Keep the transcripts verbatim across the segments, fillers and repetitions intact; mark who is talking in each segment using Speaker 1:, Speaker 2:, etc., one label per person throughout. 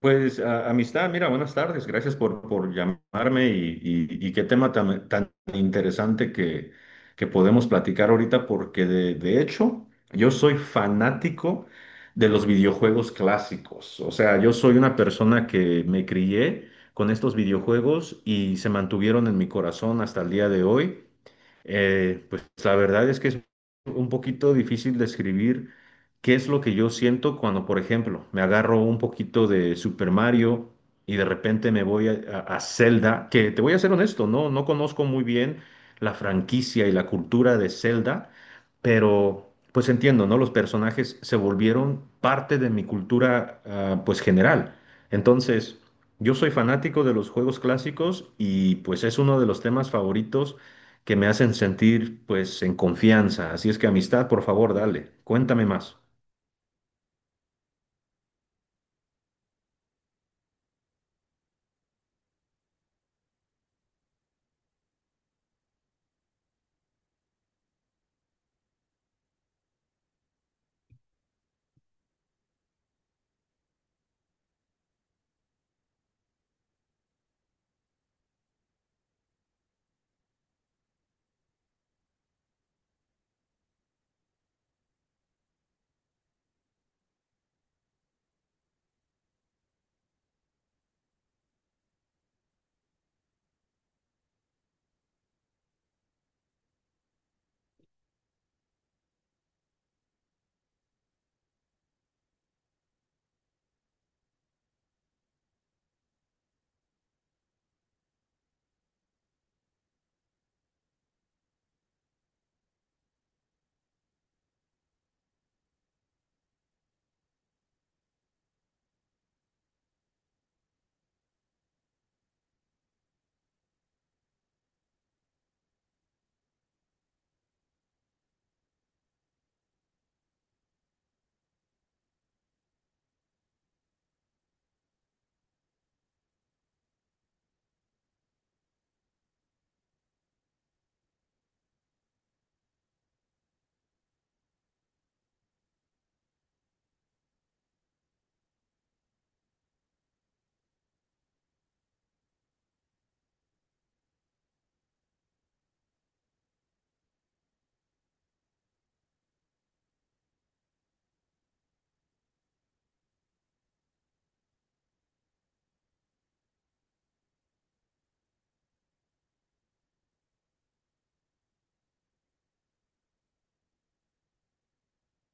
Speaker 1: Pues a- amistad, mira, buenas tardes, gracias por, por llamarme y, y- y qué tema tan, tan interesante que, que podemos platicar ahorita, porque de, de hecho yo soy fanático de los videojuegos clásicos, o sea, yo soy una persona que me crié con estos videojuegos y se mantuvieron en mi corazón hasta el día de hoy. Eh, pues la verdad es que es un poquito difícil describir ¿qué es lo que yo siento cuando, por ejemplo, me agarro un poquito de Super Mario y de repente me voy a, a- a Zelda? Que te voy a ser honesto, no, no conozco muy bien la franquicia y la cultura de Zelda, pero pues entiendo, ¿no? Los personajes se volvieron parte de mi cultura, ah, pues general. Entonces, yo soy fanático de los juegos clásicos y pues es uno de los temas favoritos que me hacen sentir pues en confianza. Así es que amistad, por favor, dale, cuéntame más.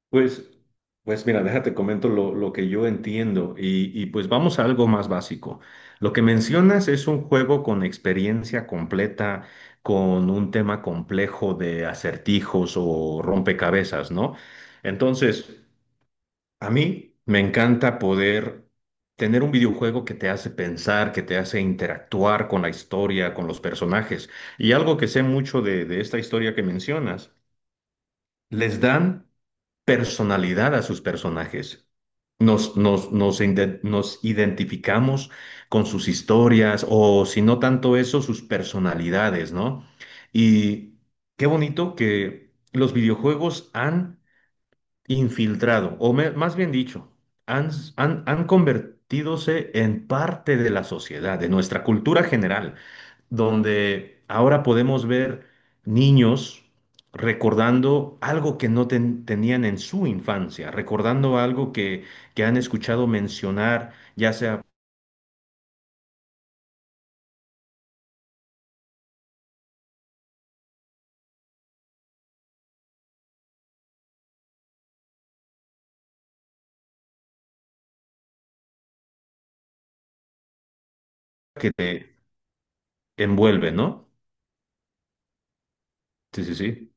Speaker 1: Pues, pues mira, déjate comento lo, lo que yo entiendo y, y pues vamos a algo más básico. Lo que mencionas es un juego con experiencia completa, con un tema complejo de acertijos o rompecabezas, ¿no? Entonces, a mí me encanta poder tener un videojuego que te hace pensar, que te hace interactuar con la historia, con los personajes. Y algo que sé mucho de de esta historia que mencionas, les dan personalidad a sus personajes. Nos, nos, nos, inde- nos identificamos con sus historias o si no tanto eso, sus personalidades, ¿no? Y qué bonito que los videojuegos han infiltrado, o me- más bien dicho, han, han, han convertidose en parte de la sociedad, de nuestra cultura general donde ahora podemos ver niños recordando algo que no ten- tenían en su infancia, recordando algo que, que han escuchado mencionar, ya sea que te envuelve, ¿no? Sí, sí, sí.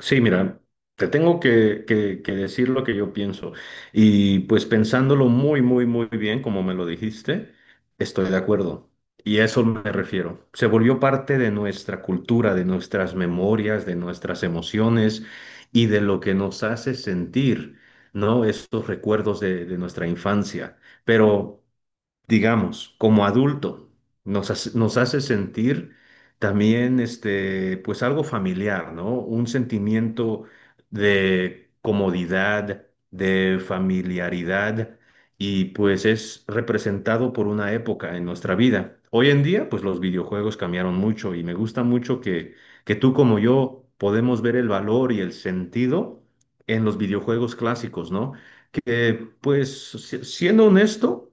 Speaker 1: Sí, mira, te tengo que, que- que decir lo que yo pienso. Y pues pensándolo muy, muy, muy bien, como me lo dijiste, estoy de acuerdo. Y a eso me refiero. Se volvió parte de nuestra cultura, de nuestras memorias, de nuestras emociones y de lo que nos hace sentir, ¿no? Estos recuerdos de, de nuestra infancia. Pero digamos, como adulto, nos hace, nos hace sentir también, este, pues algo familiar, ¿no? Un sentimiento de comodidad, de familiaridad, y pues es representado por una época en nuestra vida. Hoy en día, pues los videojuegos cambiaron mucho y me gusta mucho que, que tú como yo podemos ver el valor y el sentido en los videojuegos clásicos, ¿no? Que, pues, si- siendo honesto,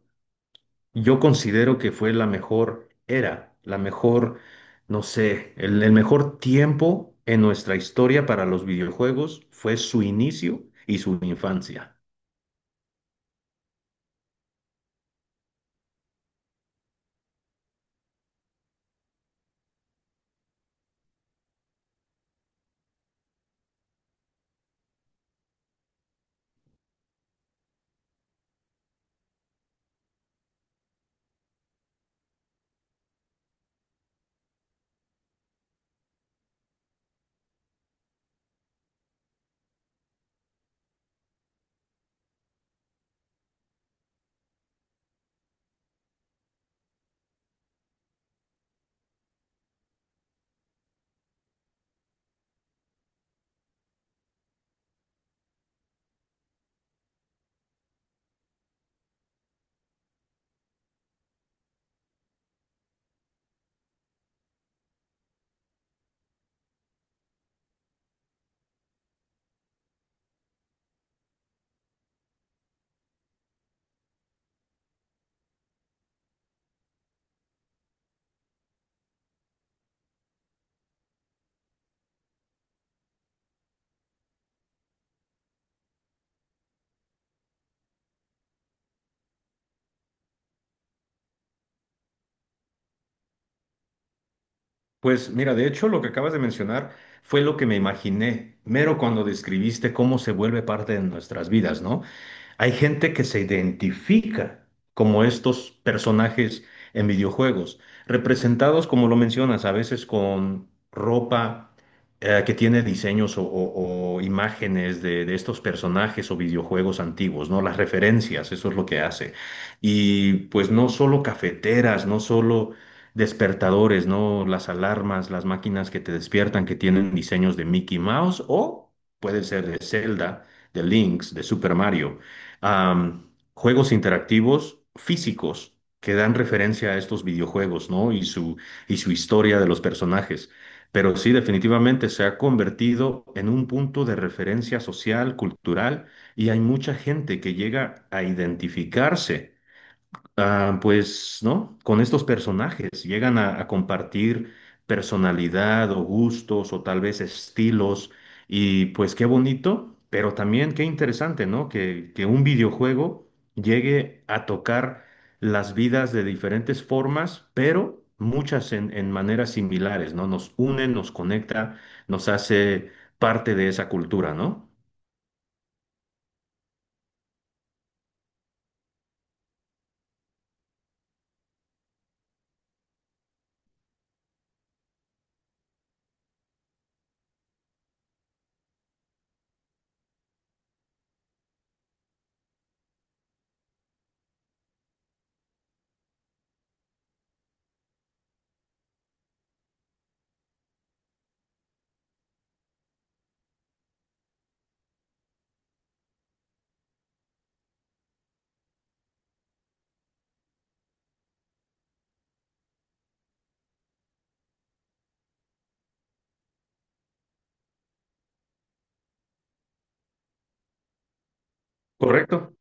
Speaker 1: yo considero que fue la mejor era, la mejor, no sé, el, el mejor tiempo en nuestra historia para los videojuegos fue su inicio y su infancia. Pues mira, de hecho lo que acabas de mencionar fue lo que me imaginé, mero cuando describiste cómo se vuelve parte de nuestras vidas, ¿no? Hay gente que se identifica como estos personajes en videojuegos, representados, como lo mencionas, a veces con ropa eh, que tiene diseños o, o- o imágenes de, de estos personajes o videojuegos antiguos, ¿no? Las referencias, eso es lo que hace. Y pues no solo cafeteras, no solo despertadores, ¿no? Las alarmas, las máquinas que te despiertan que tienen diseños de Mickey Mouse o pueden ser de Zelda, de Lynx, de Super Mario. Am, juegos interactivos físicos que dan referencia a estos videojuegos, ¿no? Y su, y su historia de los personajes. Pero sí, definitivamente se ha convertido en un punto de referencia social, cultural, y hay mucha gente que llega a identificarse. Ah, pues, ¿no? Con estos personajes llegan a, a compartir personalidad o gustos o tal vez estilos y pues qué bonito, pero también qué interesante, ¿no? Que, que un videojuego llegue a tocar las vidas de diferentes formas, pero muchas en, en maneras similares, ¿no? Nos une, nos conecta, nos hace parte de esa cultura, ¿no? Correcto.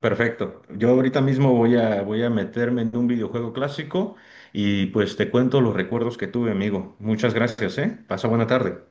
Speaker 1: Perfecto. Yo ahorita mismo voy a, voy a meterme en un videojuego clásico y pues te cuento los recuerdos que tuve, amigo. Muchas gracias, ¿eh? Pasa buena tarde.